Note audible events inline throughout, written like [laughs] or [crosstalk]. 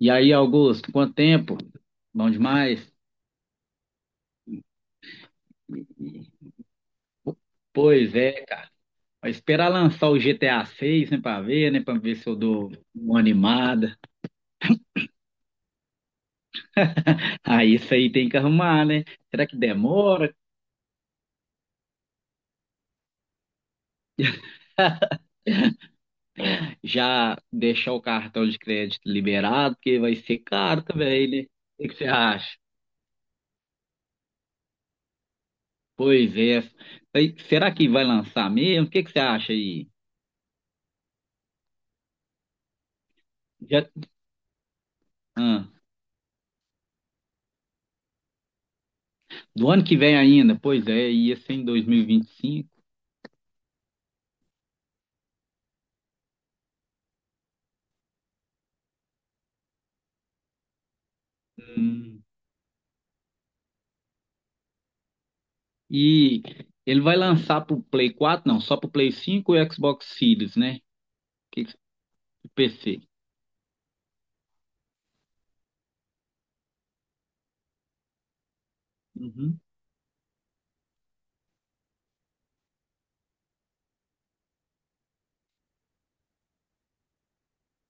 E aí, Augusto, quanto tempo? Bom demais. Pois é, vai esperar lançar o GTA 6, né, pra ver se eu dou uma animada. Aí isso aí tem que arrumar, né? Será que demora? [laughs] Já deixar o cartão de crédito liberado, porque vai ser caro também, né? O que que você acha? Pois é. Aí, será que vai lançar mesmo? O que que você acha aí? Já, ah, do ano que vem ainda? Pois é, ia ser em 2025. E ele vai lançar pro Play 4, não, só pro Play 5 e Xbox Series, né? Que, PC. Uhum,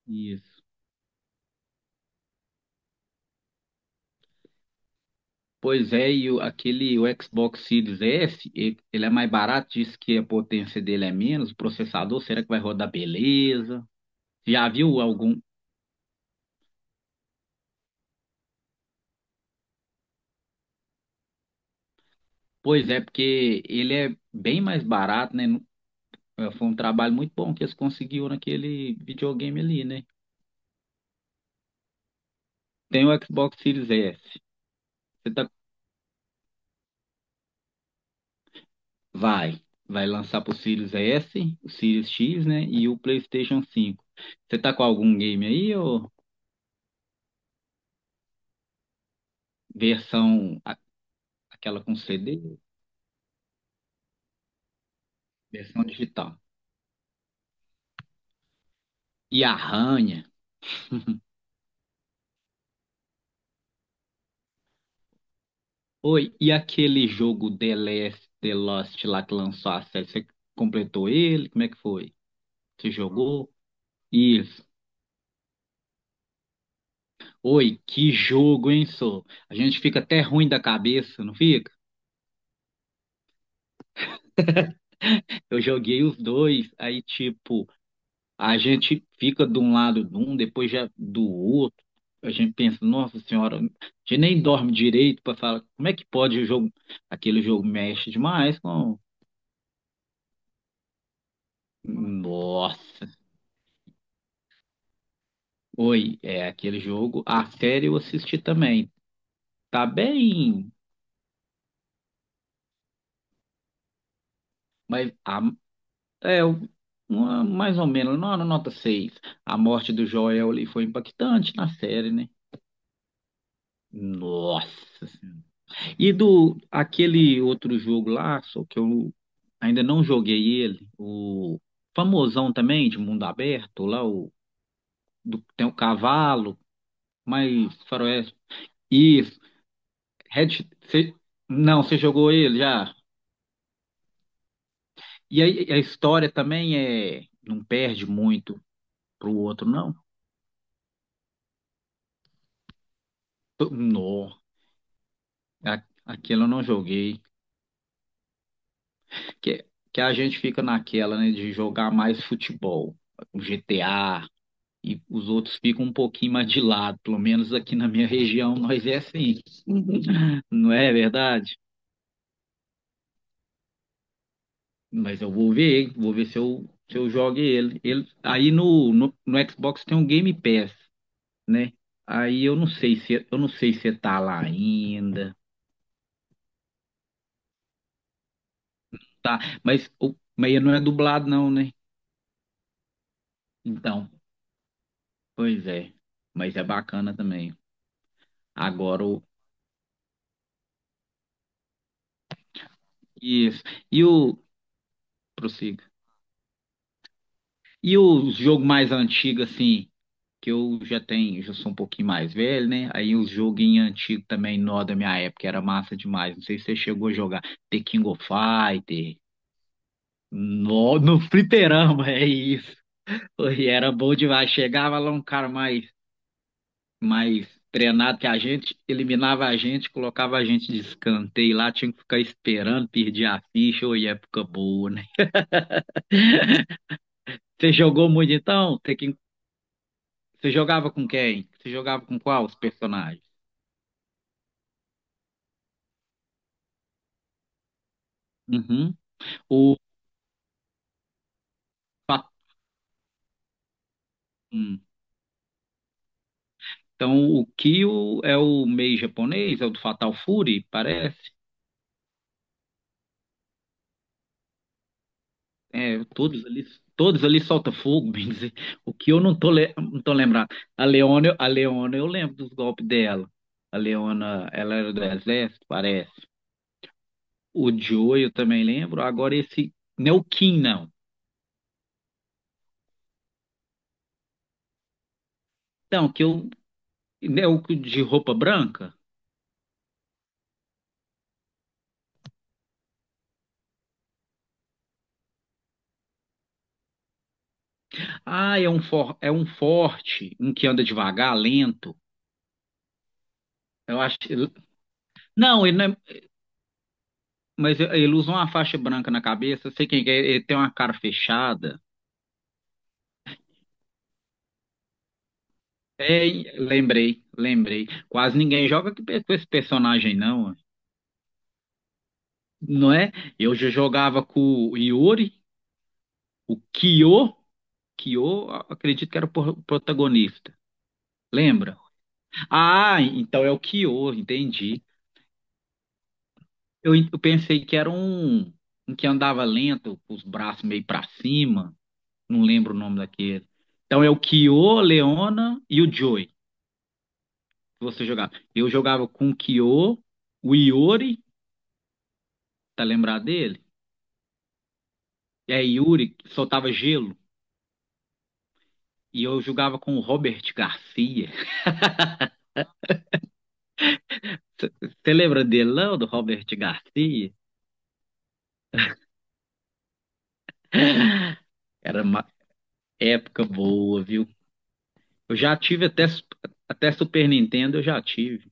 isso. Pois é, e aquele o Xbox Series S, ele é mais barato, diz que a potência dele é menos, o processador, será que vai rodar beleza? Já viu algum? Pois é, porque ele é bem mais barato, né? É, foi um trabalho muito bom que eles conseguiram naquele videogame ali, né? Tem o Xbox Series S. Você tá. Vai, vai lançar pro Sirius S, o Sirius X, né, e o PlayStation 5. Você tá com algum game aí ou versão aquela com CD, versão digital? E Arranha? Oi, e aquele jogo The Last, The Lost lá que lançou a série, você completou ele? Como é que foi? Você jogou? Isso. Oi, que jogo, hein, só. A gente fica até ruim da cabeça, não fica? Eu joguei os dois, aí tipo a gente fica de um lado de um, depois já do outro. A gente pensa, nossa senhora, a gente nem dorme direito para falar como é que pode o jogo. Aquele jogo mexe demais com. Nossa. Oi, é aquele jogo. A série eu assisti também. Tá bem, mas a, é mais ou menos, não, na nota seis. A morte do Joel ali foi impactante na série, né? Nossa. E do aquele outro jogo lá, só que eu ainda não joguei ele, o famosão também de mundo aberto, lá o tem o cavalo, mas faroeste. Isso, Red, cê- não, você jogou ele já. E aí a história também é não perde muito pro outro não. Não, aquele eu não joguei, que que a gente fica naquela, né, de jogar mais futebol, o GTA e os outros ficam um pouquinho mais de lado, pelo menos aqui na minha região nós é assim, [laughs] não é verdade? Mas eu vou ver, se eu jogo ele. Ele aí no Xbox tem um Game Pass, né? Aí eu não sei se tá lá ainda, tá? Mas não é dublado não, né? Então, pois é, mas é bacana também. Agora o, isso. E o, prossiga. E o jogo mais antigo assim, que eu já tenho, já sou um pouquinho mais velho, né? Aí os joguinhos antigos também, nó da minha época, era massa demais. Não sei se você chegou a jogar The King of Fighter, nó, no [laughs] fliperama, é isso. E era bom demais. Chegava lá um cara mais treinado que a gente, eliminava a gente, colocava a gente de escanteio lá, tinha que ficar esperando, perdia a ficha, ou época boa, né? Você jogou muito então? Você jogava com quem? Você jogava com qual os personagens? Uhum. O Fatum. Então, o Kyo é o meio japonês, é o do Fatal Fury, parece. É, todos ali soltam fogo, [laughs] bem dizer. O Kyo eu não tô lembrado. A Leona, eu lembro dos golpes dela. A Leona, ela era do exército, parece. O Joe, eu também lembro. Agora esse, não é o Kim, não. Não, que eu, é o de roupa branca. Ah, é um forte, um que anda devagar, lento. Eu acho. Não, ele não é. Mas ele usa uma faixa branca na cabeça, sei quem que é, ele tem uma cara fechada. É, lembrei, lembrei. Quase ninguém joga com esse personagem, não, não é? Eu já jogava com o Iori, o Kyo, acredito que era o protagonista. Lembra? Ah, então é o Kyo, entendi. Eu pensei que era um que andava lento, com os braços meio pra cima. Não lembro o nome daquele. Então é o Kyo, Leona e o Joy. Você jogava. Eu jogava com o Kyo, o Iori, tá lembrado dele? É, Yuri, que soltava gelo. E eu jogava com o Robert Garcia. [laughs] Você lembra dele, não, do Robert Garcia? Era uma época boa, viu? Eu já tive até Super Nintendo, eu já tive.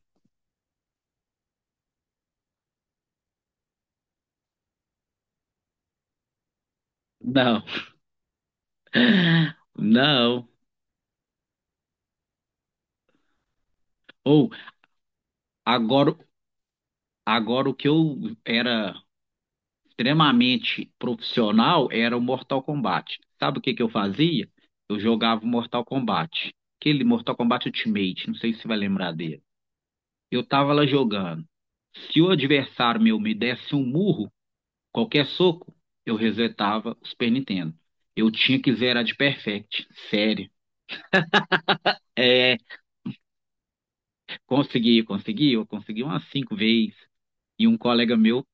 Não, não. Ou, agora, agora o que eu era extremamente profissional era o Mortal Kombat. Sabe o que que eu fazia? Eu jogava o Mortal Kombat. Aquele Mortal Kombat Ultimate, não sei se você vai lembrar dele. Eu tava lá jogando. Se o adversário meu me desse um murro, qualquer soco, eu resetava o Super Nintendo. Eu tinha que zerar de perfect, sério. É, eu consegui umas cinco vezes. E um colega meu,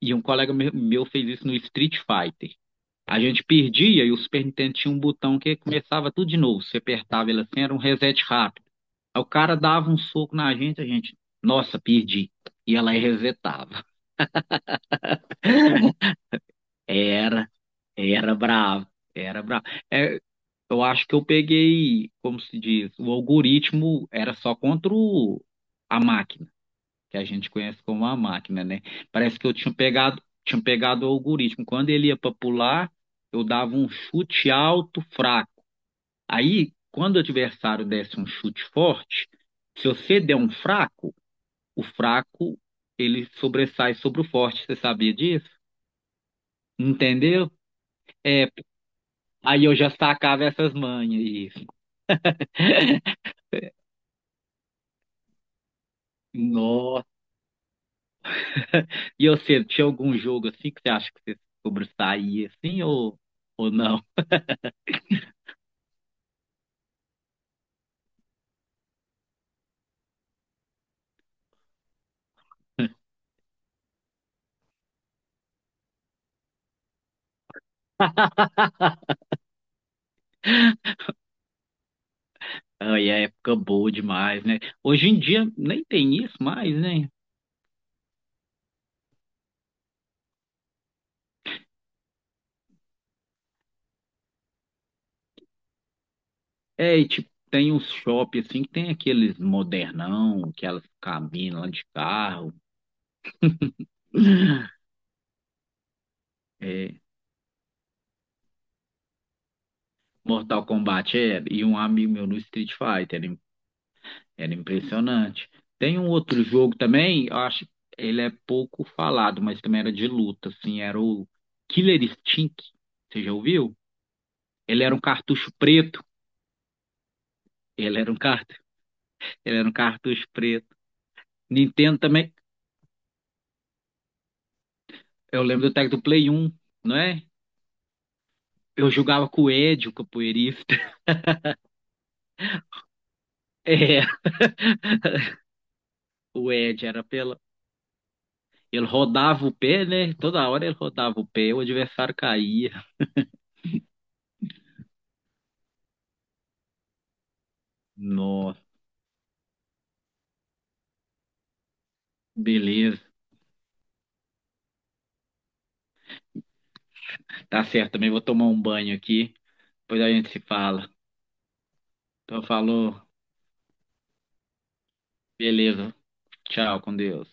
e um colega meu fez isso no Street Fighter. A gente perdia e o Super Nintendo tinha um botão que começava tudo de novo. Você apertava ele assim, era um reset rápido. Aí o cara dava um soco na gente, a gente, nossa, perdi. E ela resetava. Era, era bravo, era bravo. É, eu acho que eu peguei, como se diz, o algoritmo era só contra a máquina, que a gente conhece como a máquina, né? Parece que eu tinha pegado o algoritmo. Quando ele ia para pular, eu dava um chute alto, fraco. Aí, quando o adversário desse um chute forte, se você der um fraco, o fraco ele sobressai sobre o forte. Você sabia disso? Entendeu? Aí eu já sacava essas manhas. Isso. Nossa. E você, tinha algum jogo assim que você acha que você sobressaía assim ou não? Aí é época boa demais, né? Hoje em dia nem tem isso mais, né? É, e, tipo, tem uns shopping assim que tem aqueles modernão, aquelas cabinas lá de carro. É, Mortal Kombat é, e um amigo meu no Street Fighter, era impressionante. Tem um outro jogo também, eu acho, ele é pouco falado, mas também era de luta, assim, era o Killer Instinct, você já ouviu? Ele era um cartucho preto, ele era um cart... ele era um cartucho preto. Nintendo também, eu lembro do tag do Play 1, não é? Eu jogava com o Ed, o capoeirista. [laughs] É, o Ed era pela... Ele rodava o pé, né? Toda hora ele rodava o pé, o adversário caía. Nossa. Beleza. Tá certo, também vou tomar um banho aqui. Depois a gente se fala. Então, falou. Beleza. Tchau, com Deus.